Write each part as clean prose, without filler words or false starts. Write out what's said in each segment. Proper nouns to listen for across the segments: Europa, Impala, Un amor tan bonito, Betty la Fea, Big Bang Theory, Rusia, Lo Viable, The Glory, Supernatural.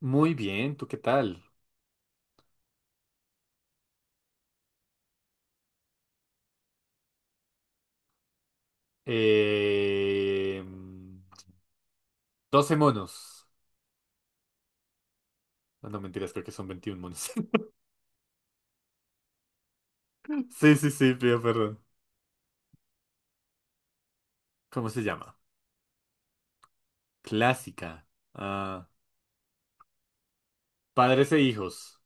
Muy bien, ¿tú qué tal? Eh, 12 monos. No, mentiras, creo que son 21 monos. Sí, sí, sí, pido perdón. ¿Cómo se llama? Clásica. Ah, Padres e hijos.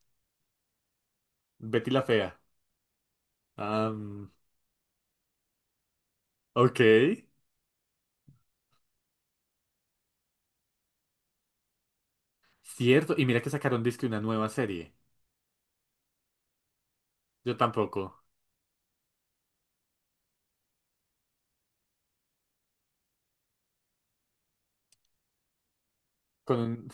Betty la Fea. Am, ok. Cierto, y mira que sacaron disque una nueva serie. Yo tampoco. Con un-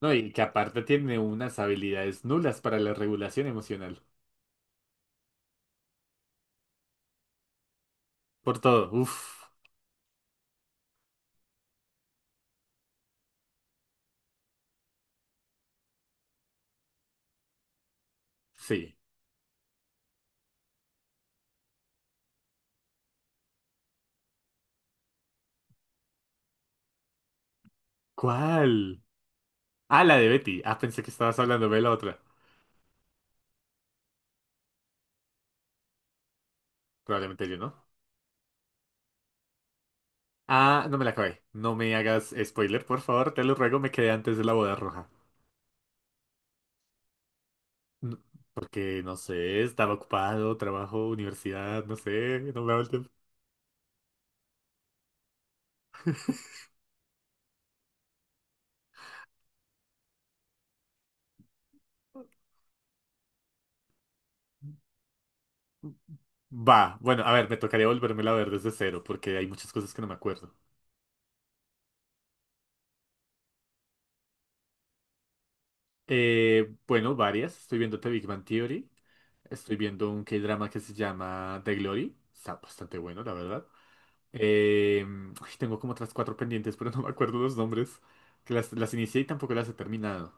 No, y que aparte tiene unas habilidades nulas para la regulación emocional. Por todo, uff. Sí. ¿Cuál? Ah, la de Betty. Ah, pensé que estabas hablando de la otra. Probablemente yo no. Ah, no me la acabé. No me hagas spoiler, por favor, te lo ruego, me quedé antes de la boda roja. N- Porque, no sé, estaba ocupado, trabajo, universidad, no sé, no me daba el tiempo. Va, bueno, a ver, me tocaría volvérmela a ver desde cero, porque hay muchas cosas que no me acuerdo. Bueno, varias. Estoy viéndote Big Bang Theory. Estoy viendo un K-drama que se llama The Glory. Está bastante bueno, la verdad. Eh, Ay, tengo como otras cuatro pendientes, pero no me acuerdo los nombres. Que las inicié y tampoco las he terminado.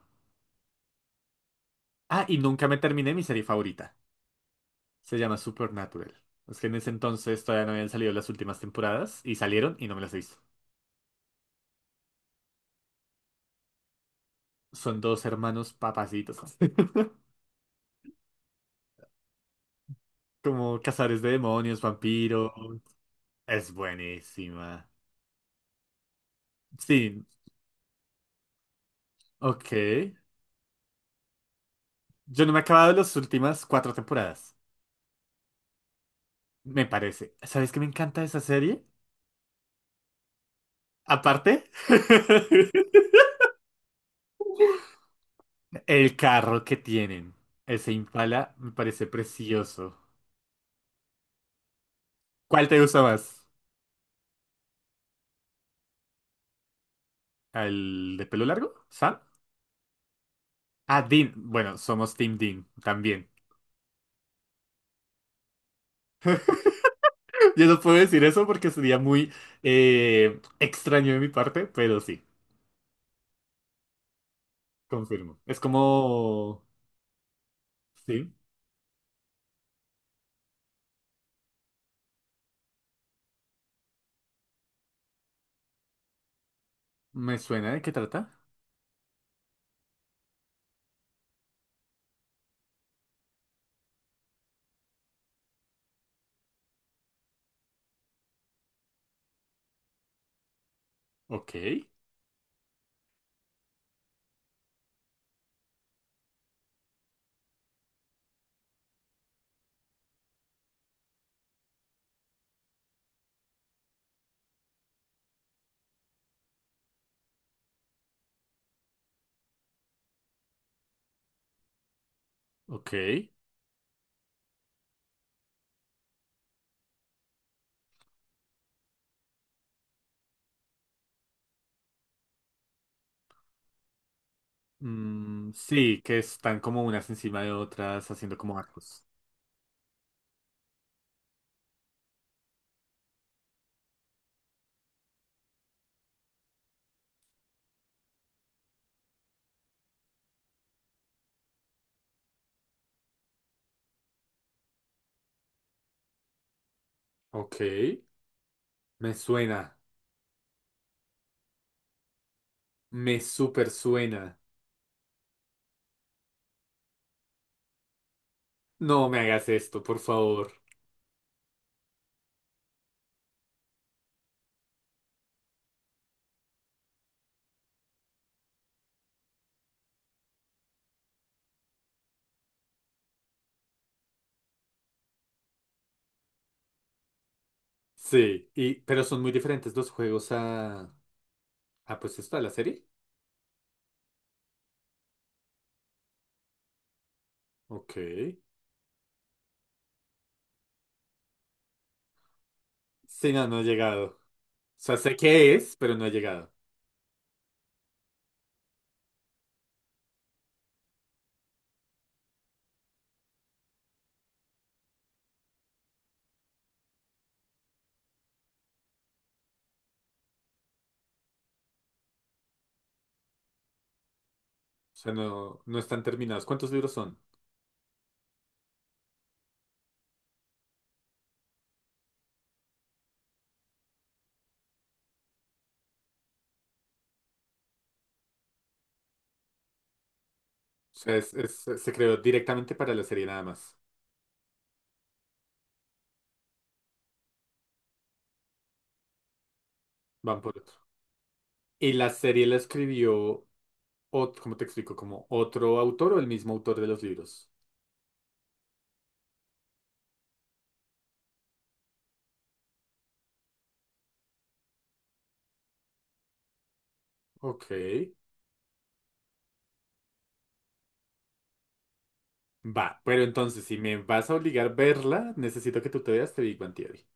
Ah, y nunca me terminé mi serie favorita. Se llama Supernatural. Es que en ese entonces todavía no habían salido las últimas temporadas y salieron y no me las he visto. Son dos hermanos papacitos. Como cazadores de demonios, vampiros. Es buenísima. Sí, ok. Yo no me he acabado las últimas cuatro temporadas. Me parece. ¿Sabes qué me encanta de esa serie? Aparte, el carro que tienen. Ese Impala me parece precioso. ¿Cuál te gusta más? ¿El de pelo largo? ¿Sam? Ah, Dean. Bueno, somos Team Dean también. Yo no puedo decir eso porque sería muy extraño de mi parte, pero sí, confirmo. Es como... Sí, me suena de qué trata. Ok, ok. Mm, sí, que están como unas encima de otras haciendo como arcos. Ok, me suena, me super suena. No me hagas esto, por favor. Sí, y, pero son muy diferentes los juegos a pues esto, a la serie. Ok. Sí, no, no he llegado. O sea, sé qué es, pero no he llegado. O sea, no, no están terminados. ¿Cuántos libros son? O sea, se creó directamente para la serie nada más. Van por otro. ¿Y la serie la escribió, cómo te explico, como otro autor o el mismo autor de los libros? Ok. Va, pero entonces, si me vas a obligar a verla, necesito que tú te veas The Big Bang Theory.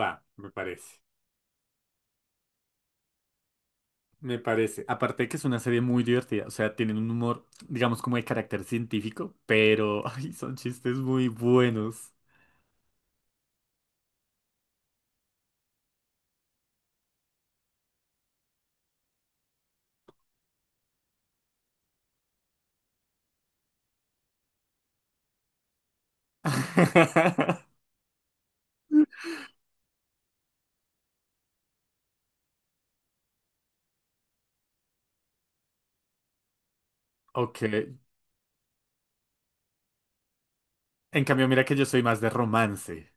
Va, me parece. Me parece. Aparte de que es una serie muy divertida, o sea, tienen un humor, digamos, como de carácter científico, pero ay, son chistes muy buenos. Ok. En cambio, mira que yo soy más de romance.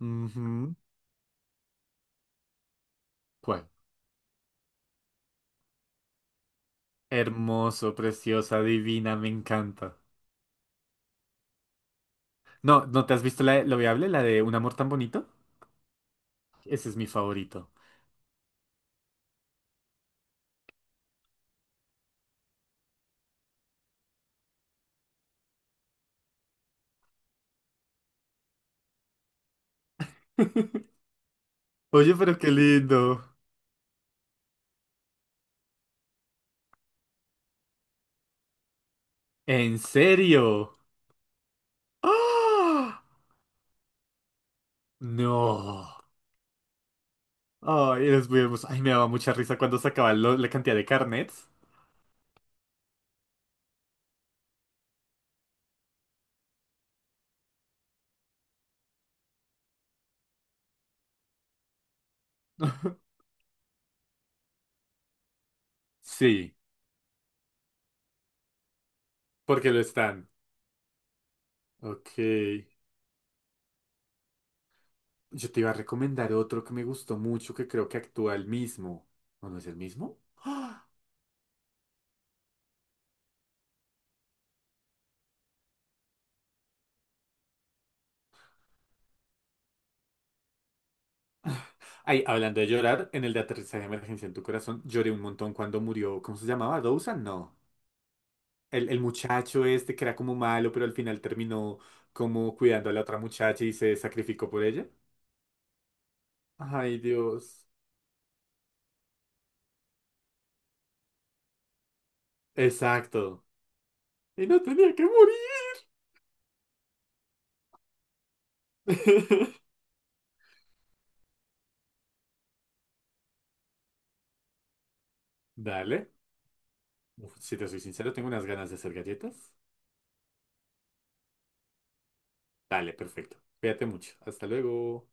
Ujú. ¿Cuál? Hermoso, preciosa, divina, me encanta. No, ¿no te has visto la de Lo Viable, la de Un amor tan bonito? Ese es mi favorito. Oye, pero qué lindo. ¿En serio? ¡Ah! No. Ay, los vimos. Ay, me daba mucha risa cuando sacaban la cantidad de carnets. Sí, porque lo están. Ok. Yo te iba a recomendar otro que me gustó mucho, que creo que actúa el mismo. ¿O no es el mismo? ¡Ah! Ay, hablando de llorar, en el de aterrizaje de emergencia en tu corazón, lloré un montón cuando murió. ¿Cómo se llamaba? ¿Dawson? No. El muchacho este que era como malo, pero al final terminó como cuidando a la otra muchacha y se sacrificó por ella. Ay, Dios. Exacto. Y no tenía que morir. Dale. Uf, si te soy sincero, tengo unas ganas de hacer galletas. Dale, perfecto. Cuídate mucho. Hasta luego.